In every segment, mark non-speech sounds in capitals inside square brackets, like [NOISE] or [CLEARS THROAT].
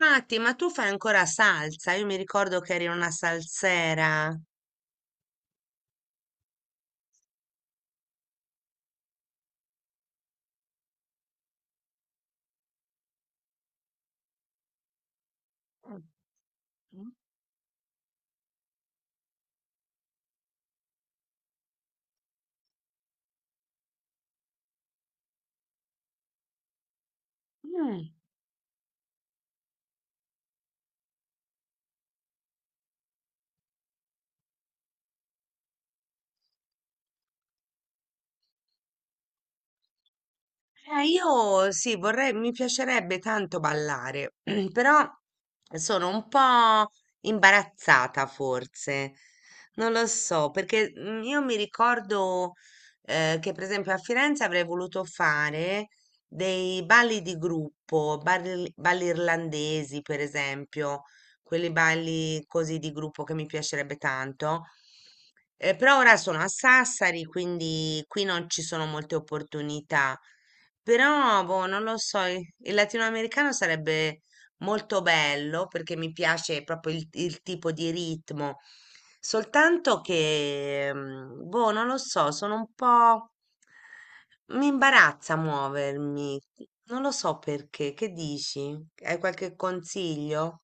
Matti, ma tu fai ancora salsa? Io mi ricordo che eri una salsera. Mm. Io sì, vorrei, mi piacerebbe tanto ballare, [CLEARS THROAT] però sono un po' imbarazzata forse. Non lo so, perché io mi ricordo che per esempio a Firenze avrei voluto fare dei balli di gruppo, balli irlandesi per esempio, quelli balli così di gruppo che mi piacerebbe tanto. Però ora sono a Sassari, quindi qui non ci sono molte opportunità. Però, boh, non lo so, il latinoamericano sarebbe molto bello perché mi piace proprio il tipo di ritmo. Soltanto che, boh, non lo so, sono un po'... Mi imbarazza muovermi. Non lo so perché. Che dici? Hai qualche consiglio?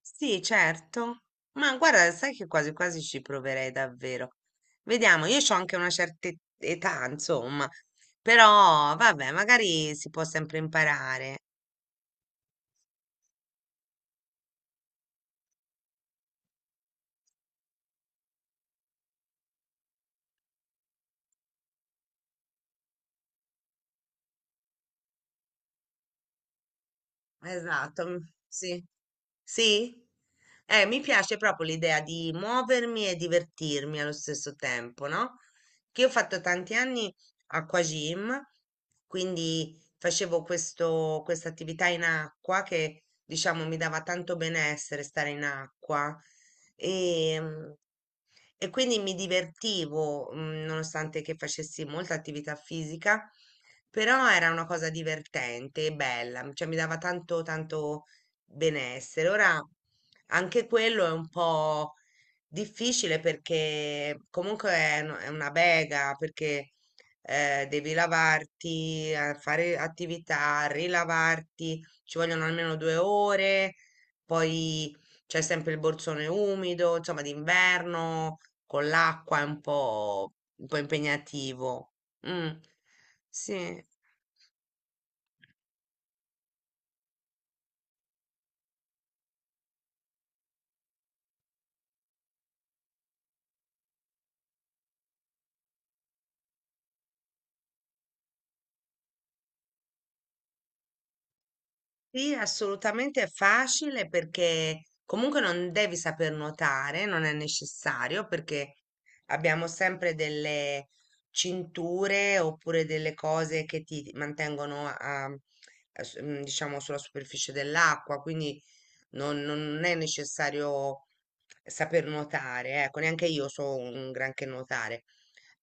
Sì, certo. Ma guarda, sai che quasi quasi ci proverei davvero. Vediamo, io ho anche una certa età, insomma, però vabbè, magari si può sempre imparare. Esatto, mm, sì. Sì? Mi piace proprio l'idea di muovermi e divertirmi allo stesso tempo, no? Che io ho fatto tanti anni acquagym, quindi facevo questa attività in acqua che, diciamo, mi dava tanto benessere stare in acqua. E, e quindi mi divertivo, nonostante che facessi molta attività fisica, però era una cosa divertente e bella, cioè mi dava tanto benessere. Ora anche quello è un po' difficile perché comunque è una bega, perché devi lavarti, fare attività, rilavarti, ci vogliono almeno 2 ore, poi c'è sempre il borsone umido, insomma, d'inverno con l'acqua è un po' impegnativo. Mm, sì. Sì, assolutamente è facile perché comunque non devi saper nuotare, non è necessario perché abbiamo sempre delle cinture oppure delle cose che ti mantengono diciamo sulla superficie dell'acqua, quindi non è necessario saper nuotare, ecco, neanche io so un granché nuotare.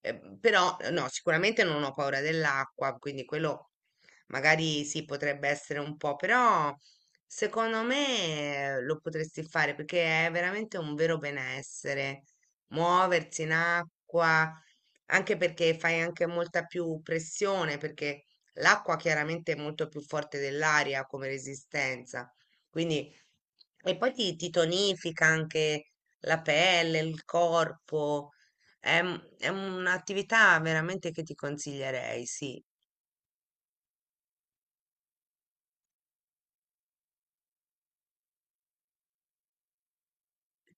Però No, sicuramente non ho paura dell'acqua, quindi quello magari sì, potrebbe essere un po', però secondo me lo potresti fare perché è veramente un vero benessere muoversi in acqua, anche perché fai anche molta più pressione, perché l'acqua chiaramente è molto più forte dell'aria come resistenza. Quindi, e poi ti tonifica anche la pelle, il corpo. È un'attività veramente che ti consiglierei, sì.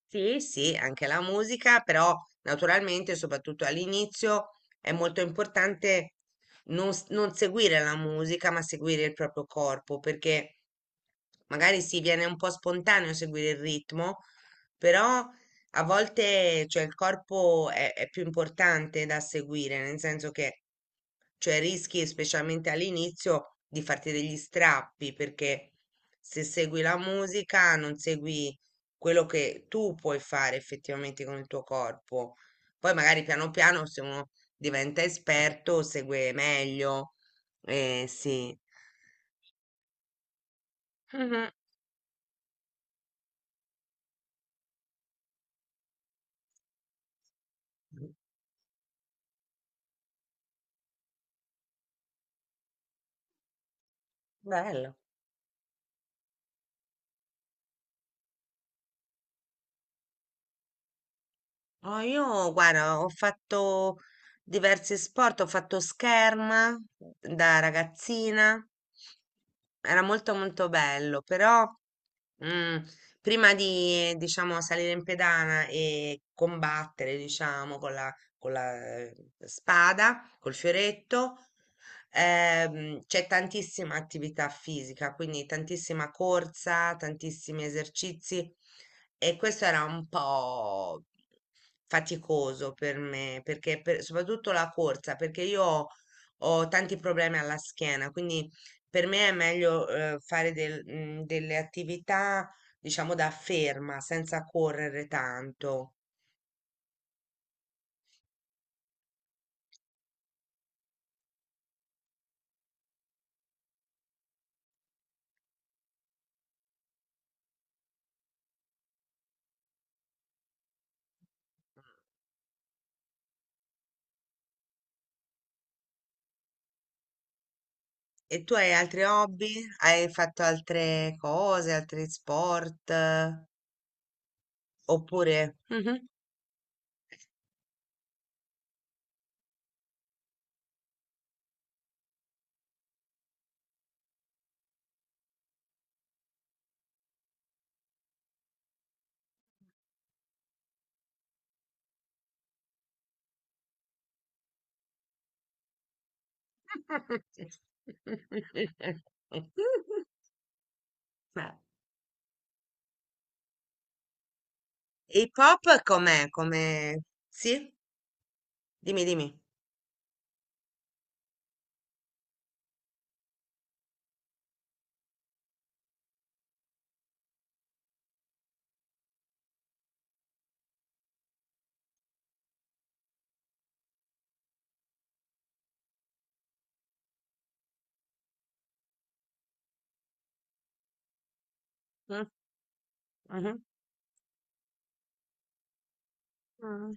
Sì, sì, anche la musica, però naturalmente, soprattutto all'inizio, è molto importante non seguire la musica, ma seguire il proprio corpo, perché magari si viene un po' spontaneo seguire il ritmo, però a volte, cioè, è più importante da seguire, nel senso che, cioè, rischi, specialmente all'inizio, di farti degli strappi, perché se segui la musica non segui quello che tu puoi fare effettivamente con il tuo corpo. Poi magari piano piano se uno diventa esperto, segue meglio. Eh sì. Mhm. Bello. Oh, io guarda, ho fatto diversi sport, ho fatto scherma da ragazzina, era molto molto bello, però mm, prima di diciamo salire in pedana e combattere, diciamo, con la spada, col fioretto. C'è tantissima attività fisica, quindi tantissima corsa, tantissimi esercizi e questo era un po' faticoso per me, perché soprattutto la corsa, perché ho tanti problemi alla schiena, quindi per me è meglio delle attività, diciamo, da ferma, senza correre tanto. E tu hai altri hobby? Hai fatto altre cose, altri sport? Oppure Mh-mh. Eh. [LAUGHS] Hip hop com'è? Come sì? Dimmi, dimmi. Mh. Mh-mh. Mh.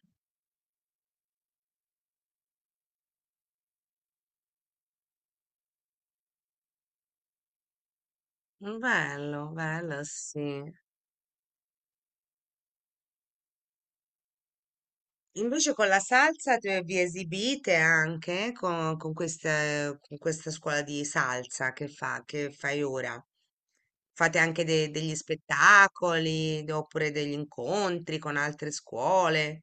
Bello, bello, sì. Invece con la salsa te vi esibite anche co con queste con questa scuola di salsa che fa che fai ora? Fate anche de degli spettacoli, d oppure degli incontri con altre scuole?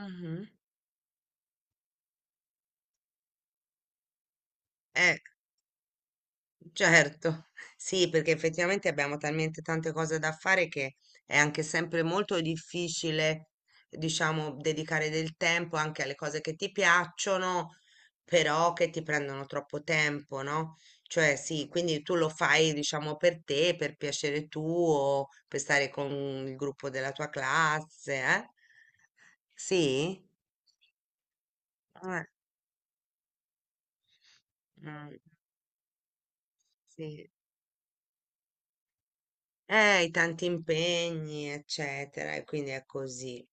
Mh-mh. Eh. Certo, sì, perché effettivamente abbiamo talmente tante cose da fare che è anche sempre molto difficile, diciamo, dedicare del tempo anche alle cose che ti piacciono, però che ti prendono troppo tempo, no? Cioè, sì, quindi tu lo fai, diciamo, per te, per piacere tuo, per stare con il gruppo della tua classe, eh? Sì? Ah, mm, sì. I tanti impegni, eccetera, e quindi è così.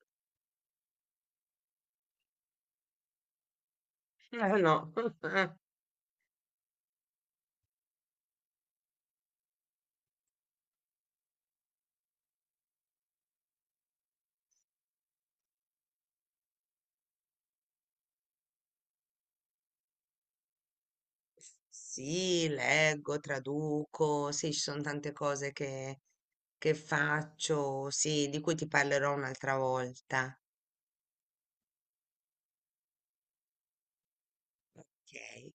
No. [LAUGHS] Sì, leggo, traduco, sì, ci sono tante cose che faccio, sì, di cui ti parlerò un'altra volta. Ok.